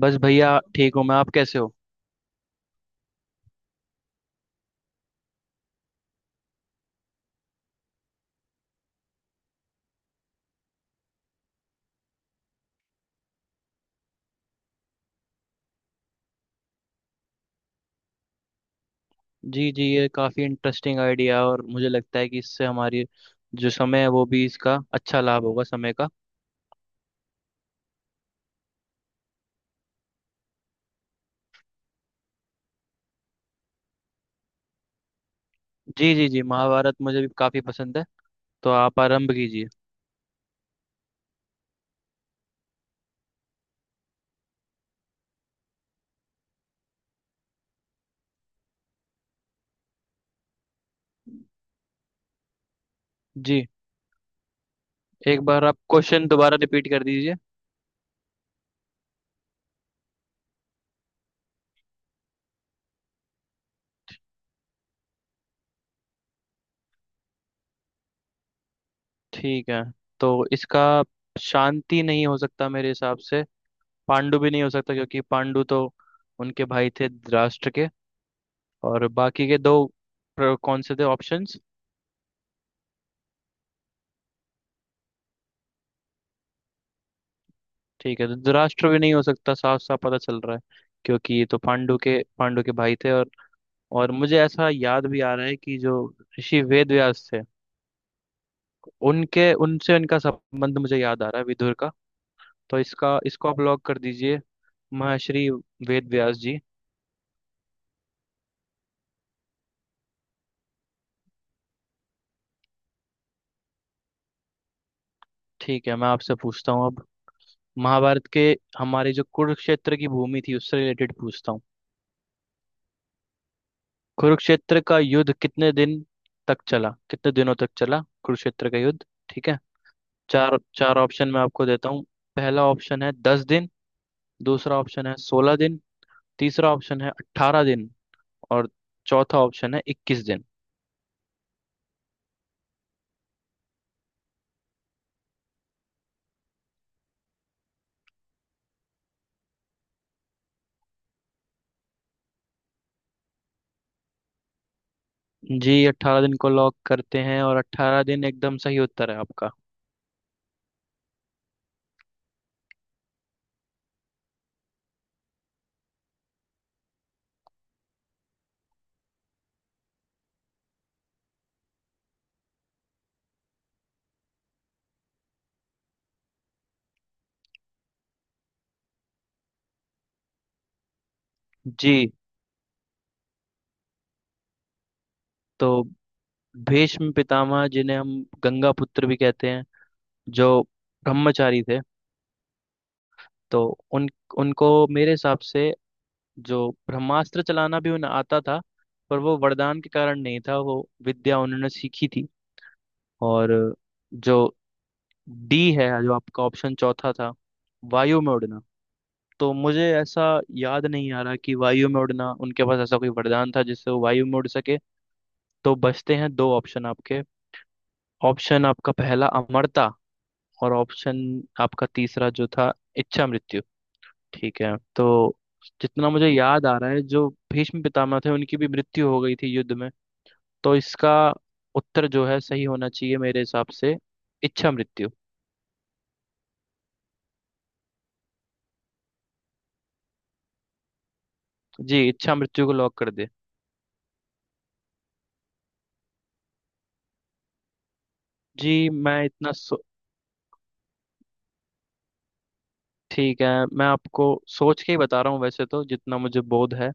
बस भैया ठीक हूँ मैं। आप कैसे हो? जी जी, ये काफ़ी इंटरेस्टिंग आइडिया है और मुझे लगता है कि इससे हमारी जो समय है वो भी इसका अच्छा लाभ होगा, समय का। जी जी जी, महाभारत मुझे भी काफ़ी पसंद है, तो आप आरंभ कीजिए। जी। एक बार आप क्वेश्चन दोबारा रिपीट कर दीजिए। ठीक है, तो इसका शांति नहीं हो सकता मेरे हिसाब से। पांडु भी नहीं हो सकता क्योंकि पांडु तो उनके भाई थे धृतराष्ट्र के। और बाकी के दो कौन से थे ऑप्शंस? ठीक है, तो धृतराष्ट्र भी नहीं हो सकता, साफ साफ पता चल रहा है, क्योंकि ये तो पांडु के भाई थे। और मुझे ऐसा याद भी आ रहा है कि जो ऋषि वेद व्यास थे, उनके उनसे उनका संबंध मुझे याद आ रहा है विदुर का। तो इसका इसको आप लॉक कर दीजिए, महर्षि वेद व्यास जी। ठीक है, मैं आपसे पूछता हूँ अब। महाभारत के हमारे जो कुरुक्षेत्र की भूमि थी, उससे रिलेटेड पूछता हूँ। कुरुक्षेत्र का युद्ध कितने दिन तक चला, कितने दिनों तक चला कुरुक्षेत्र का युद्ध? ठीक है। चार चार ऑप्शन मैं आपको देता हूँ। पहला ऑप्शन है 10 दिन। दूसरा ऑप्शन है 16 दिन। तीसरा ऑप्शन है 18 दिन। और चौथा ऑप्शन है 21 दिन। जी, 18 दिन को लॉक करते हैं, और 18 दिन एकदम सही उत्तर है आपका। जी। तो भीष्म पितामह, जिन्हें हम गंगा पुत्र भी कहते हैं, जो ब्रह्मचारी थे, तो उन उनको मेरे हिसाब से जो ब्रह्मास्त्र चलाना भी उन्हें आता था, पर वो वरदान के कारण नहीं था, वो विद्या उन्होंने सीखी थी। और जो डी है, जो आपका ऑप्शन चौथा था, वायु में उड़ना, तो मुझे ऐसा याद नहीं आ रहा कि वायु में उड़ना उनके पास ऐसा कोई वरदान था जिससे वो वायु में उड़ सके। तो बचते हैं दो ऑप्शन आपके। ऑप्शन आपका पहला अमरता, और ऑप्शन आपका तीसरा जो था इच्छा मृत्यु। ठीक है। तो जितना मुझे याद आ रहा है, जो भीष्म पितामह थे उनकी भी मृत्यु हो गई थी युद्ध में, तो इसका उत्तर जो है सही होना चाहिए मेरे हिसाब से, इच्छा मृत्यु। जी, इच्छा मृत्यु को लॉक कर दे। जी, मैं इतना ठीक है। मैं आपको सोच के ही बता रहा हूँ, वैसे तो जितना मुझे बोध है।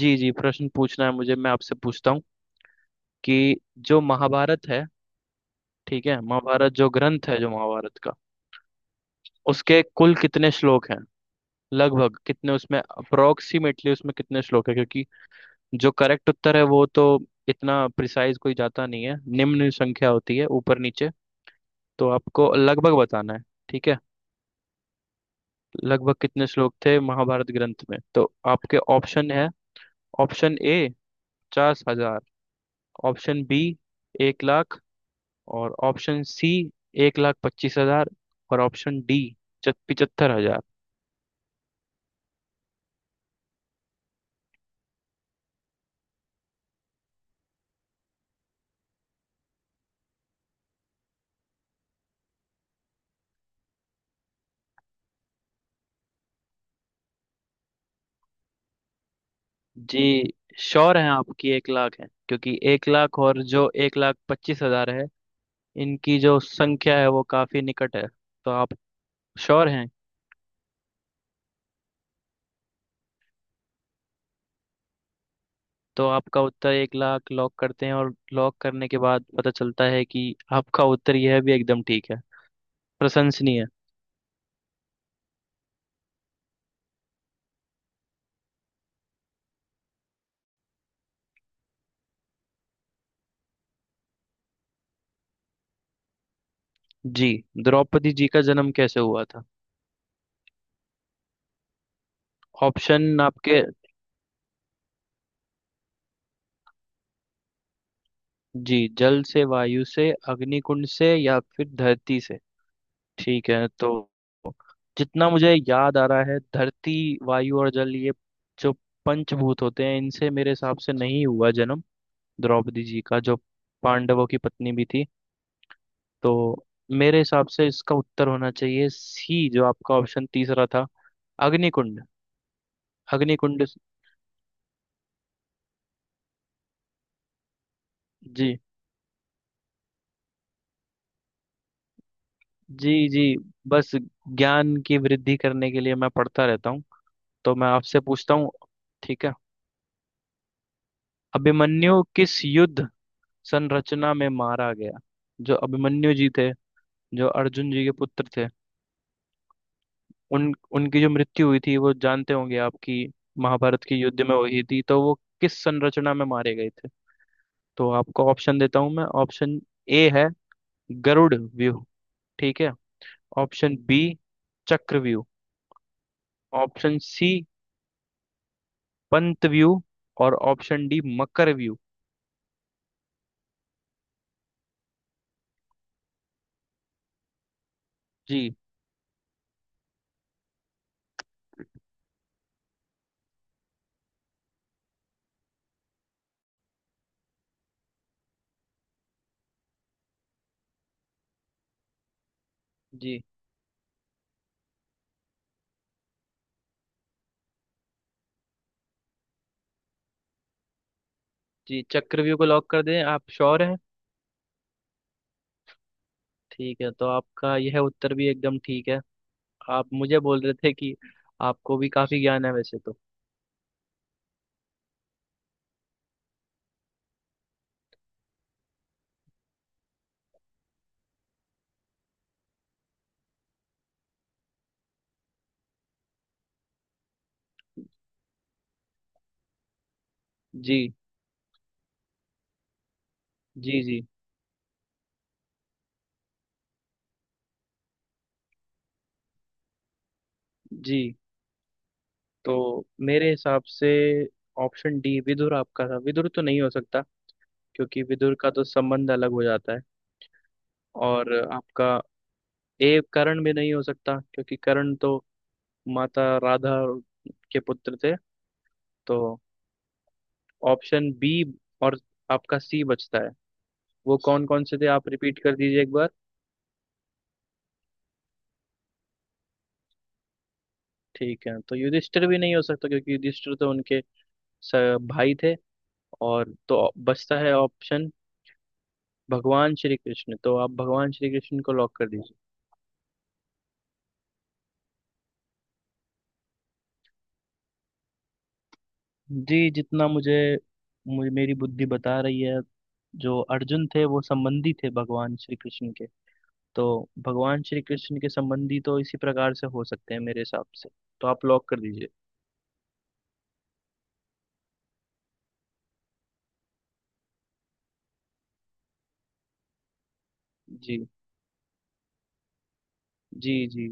जी जी, प्रश्न पूछना है मुझे। मैं आपसे पूछता हूँ कि जो महाभारत है, ठीक है, महाभारत जो ग्रंथ है, जो महाभारत का उसके कुल कितने श्लोक हैं, लगभग कितने उसमें, अप्रोक्सीमेटली उसमें कितने श्लोक है? क्योंकि जो करेक्ट उत्तर है वो तो इतना प्रिसाइज कोई जाता नहीं है, निम्न संख्या होती है ऊपर नीचे, तो आपको लगभग बताना है। ठीक है। लगभग कितने श्लोक थे महाभारत ग्रंथ में, तो आपके ऑप्शन है। ऑप्शन ए 50,000। Option B 1,00,000। और ऑप्शन सी 1,25,000। और ऑप्शन डी 75,000। जी, श्योर है आपकी 1,00,000 है? क्योंकि 1,00,000 और जो 1,25,000 है, इनकी जो संख्या है वो काफी निकट है, तो आप श्योर हैं? तो आपका उत्तर 1,00,000 लॉक करते हैं और लॉक करने के बाद पता चलता है कि आपका उत्तर यह भी एकदम ठीक है, प्रशंसनीय। जी, द्रौपदी जी का जन्म कैसे हुआ था, ऑप्शन आपके। जी, जल से, वायु से, अग्निकुंड से या फिर धरती से। ठीक है, तो जितना मुझे याद आ रहा है, धरती, वायु और जल, ये जो पंचभूत होते हैं, इनसे मेरे हिसाब से नहीं हुआ जन्म द्रौपदी जी का, जो पांडवों की पत्नी भी थी। तो मेरे हिसाब से इसका उत्तर होना चाहिए सी, जो आपका ऑप्शन तीसरा था, अग्निकुंड। अग्निकुंड। जी जी जी। बस, ज्ञान की वृद्धि करने के लिए मैं पढ़ता रहता हूँ। तो मैं आपसे पूछता हूँ, ठीक है, अभिमन्यु किस युद्ध संरचना में मारा गया? जो अभिमन्यु जी थे, जो अर्जुन जी के पुत्र थे, उन उनकी जो मृत्यु हुई थी, वो जानते होंगे आपकी, महाभारत के युद्ध में हुई थी, तो वो किस संरचना में मारे गए थे? तो आपको ऑप्शन देता हूँ मैं। ऑप्शन ए है गरुड़ व्यूह। ठीक है। ऑप्शन बी चक्रव्यूह। ऑप्शन सी पंत व्यू। और ऑप्शन डी मकर व्यू। जी जी। जी चक्रव्यूह को लॉक कर दें? आप श्योर हैं? ठीक है, तो आपका यह उत्तर भी एकदम ठीक है। आप मुझे बोल रहे थे कि आपको भी काफी ज्ञान है वैसे तो। जी जी जी जी। तो मेरे हिसाब से ऑप्शन डी विदुर आपका था, विदुर तो नहीं हो सकता क्योंकि विदुर का तो संबंध अलग हो जाता है। और आपका ए करण भी नहीं हो सकता क्योंकि करण तो माता राधा के पुत्र थे। तो ऑप्शन बी और आपका सी बचता है। वो कौन कौन से थे, आप रिपीट कर दीजिए एक बार। ठीक है, तो युधिष्ठिर भी नहीं हो सकता क्योंकि युधिष्ठिर तो उनके भाई थे। और तो बचता है ऑप्शन भगवान श्री कृष्ण। तो आप भगवान श्री कृष्ण को लॉक कर दीजिए। जी, जितना मुझे मुझे मेरी बुद्धि बता रही है, जो अर्जुन थे वो संबंधी थे भगवान श्री कृष्ण के, तो भगवान श्री कृष्ण के संबंधी तो इसी प्रकार से हो सकते हैं मेरे हिसाब से, तो आप लॉक कर दीजिए। जी जी जी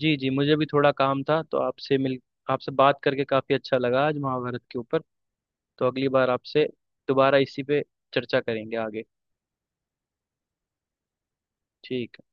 जी। जी, मुझे भी थोड़ा काम था, तो आपसे बात करके काफ़ी अच्छा लगा आज महाभारत के ऊपर। तो अगली बार आपसे दोबारा इसी पे चर्चा करेंगे आगे, ठीक है।